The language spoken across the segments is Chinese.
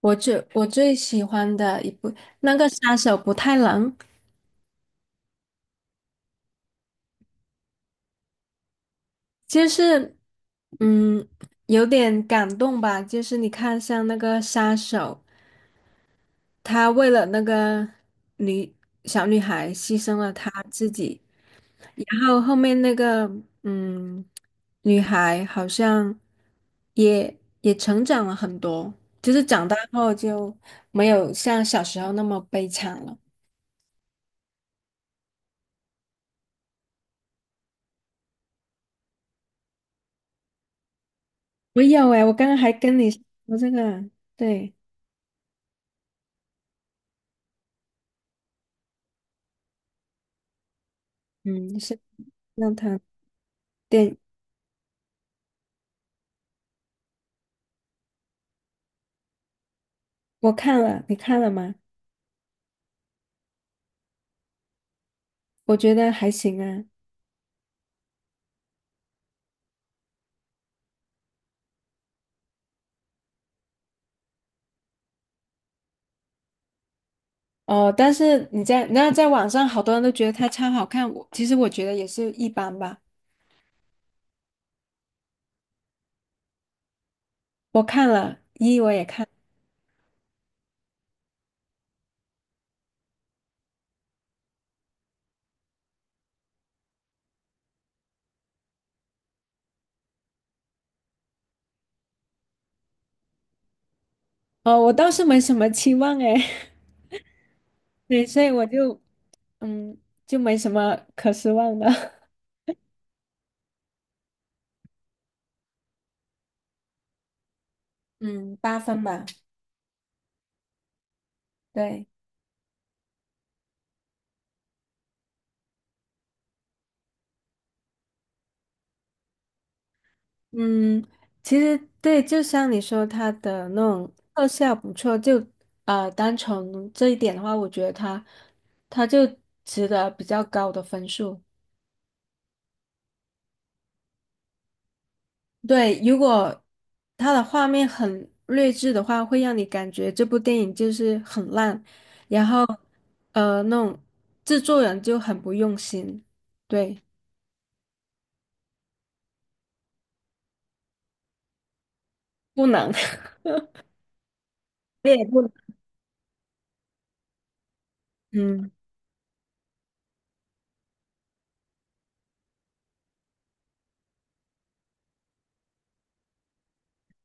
我最喜欢的一部那个杀手不太冷。就是嗯有点感动吧，就是你看像那个杀手，他为了那个女小女孩牺牲了他自己，然后后面那个嗯女孩好像也也成长了很多，就是长大后就没有像小时候那么悲惨了。我有诶，我刚刚还跟你说这个，对。嗯，是让他电。我看了，你看了吗？我觉得还行啊。哦，但是你在网上，好多人都觉得他超好看，其实我觉得也是一般吧。我看了一，我也看。哦，我倒是没什么期望哎。对，所以我就嗯没什么可失望的。嗯，8分吧。对。嗯，其实对，就像你说，它的那种特效不错。啊，单从这一点的话，我觉得它就值得比较高的分数。对，如果它的画面很劣质的话，会让你感觉这部电影就是很烂，然后那种制作人就很不用心。对，不能。这也不能。嗯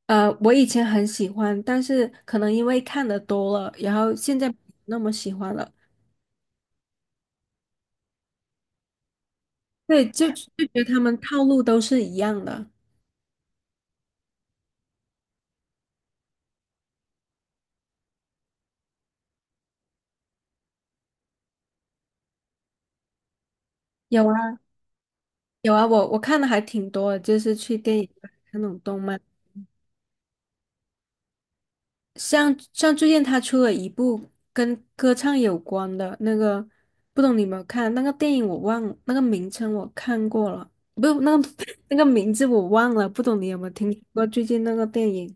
我以前很喜欢，但是可能因为看的多了，然后现在不那么喜欢了。对，就觉得他们套路都是一样的。有啊，有啊，我看的还挺多的，就是去电影院看那种动漫。像最近他出了一部跟歌唱有关的那个，不懂你有没有看？那个电影我忘了，那个名称我看过了。不，那个 那个名字我忘了，不懂你有没有听说过最近那个电影？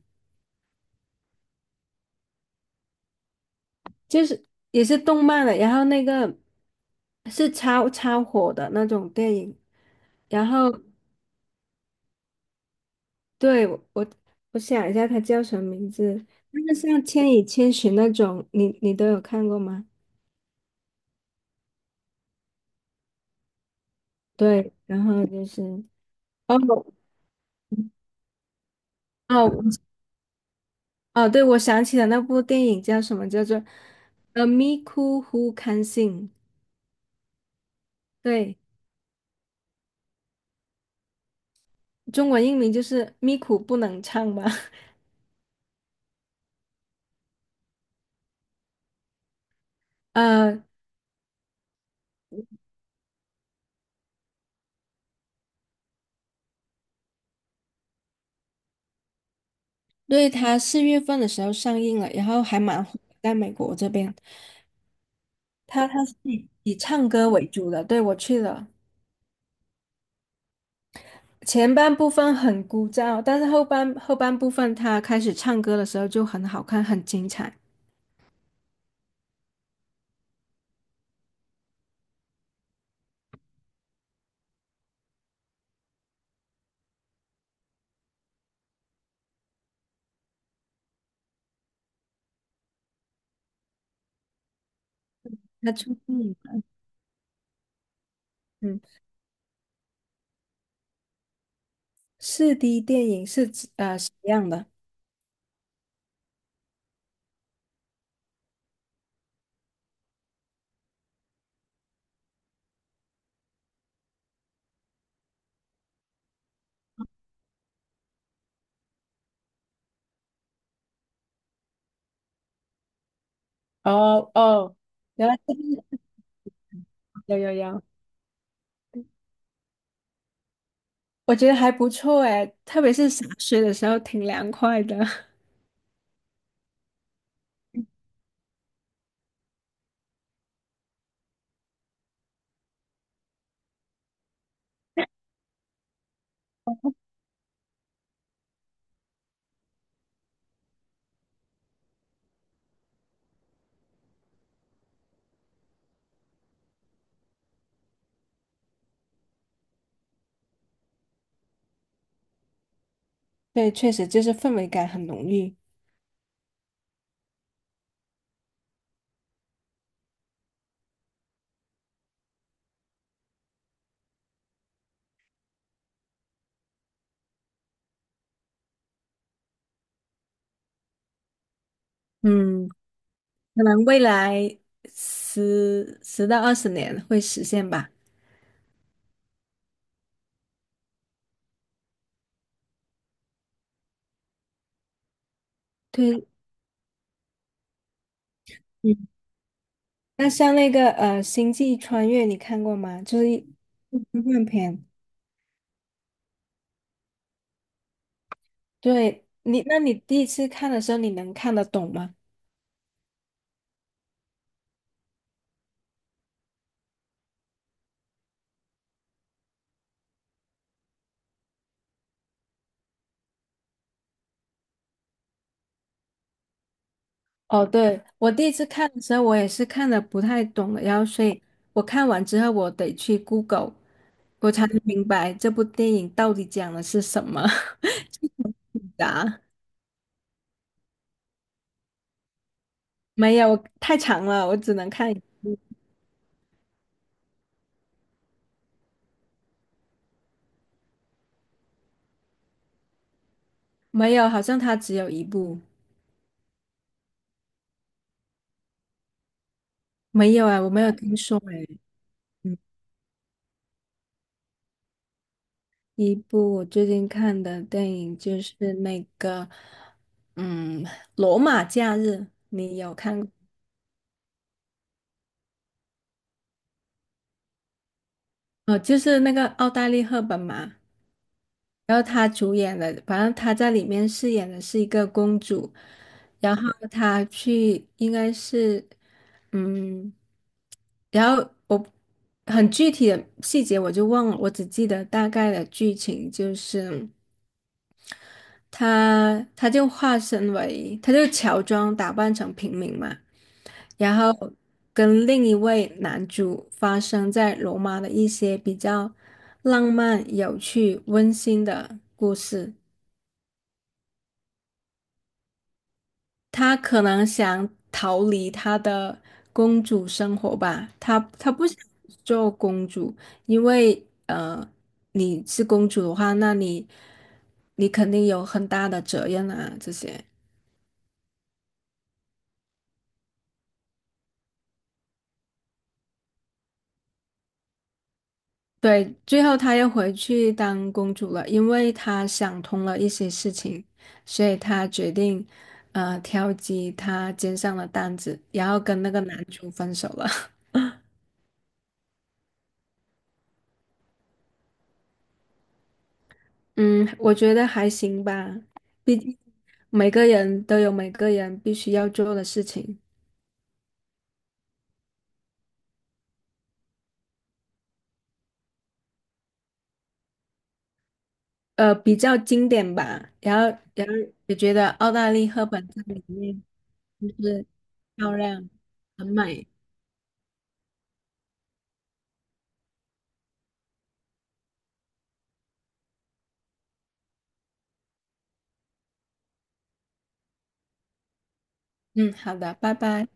就是也是动漫的，然后那个是超火的那种电影。然后对，我想一下它叫什么名字，就是像《千与千寻》那种，你都有看过吗？对，然后就是哦哦哦，对，我想起了那部电影叫什么，叫做咪咕 Who Can Sing》。对，中文译名就是《咪咕不能唱》吧。呃，对，他4月份的时候上映了，然后还蛮火的在美国这边。他是以唱歌为主的，对，我去了。前半部分很枯燥，但是后半部分他开始唱歌的时候就很好看，很精彩。他出电影。嗯，4D 电影是指什么样的？哦哦，原来这个是，有有有。我觉得还不错哎，特别是洒水的时候挺凉快的。对，确实就是氛围感很浓郁。嗯。可能未来十到二十年会实现吧。对。嗯，那像那个《星际穿越》，你看过吗？就是一科幻片。对你，那你第一次看的时候，你能看得懂吗？哦，对，我第一次看的时候，我也是看的不太懂的，然后所以我看完之后，我得去 Google，我才能明白这部电影到底讲的是什么。啊，没有，太长了，我只能看一。没有，好像它只有一部。没有哎，我没有听说哎。嗯，一部我最近看的电影就是那个，嗯，《罗马假日》，你有看过？哦，就是那个奥黛丽·赫本嘛。然后她主演的，反正她在里面饰演的是一个公主，然后她去应该是，嗯，然后我很具体的细节我就忘了，我只记得大概的剧情就是。他就化身为，他就乔装打扮成平民嘛，然后跟另一位男主发生在罗马的一些比较浪漫、有趣、温馨的故事。他可能想逃离他的公主生活吧，他不想做公主。因为你是公主的话，那你肯定有很大的责任啊，这些。对，最后她又回去当公主了，因为她想通了一些事情，所以她决定，挑起她肩上的担子，然后跟那个男主分手了。嗯，我觉得还行吧，毕竟每个人都有每个人必须要做的事情。比较经典吧。然后，然后也觉得澳大利赫本在里面就是漂亮，很美。嗯，好的，拜拜。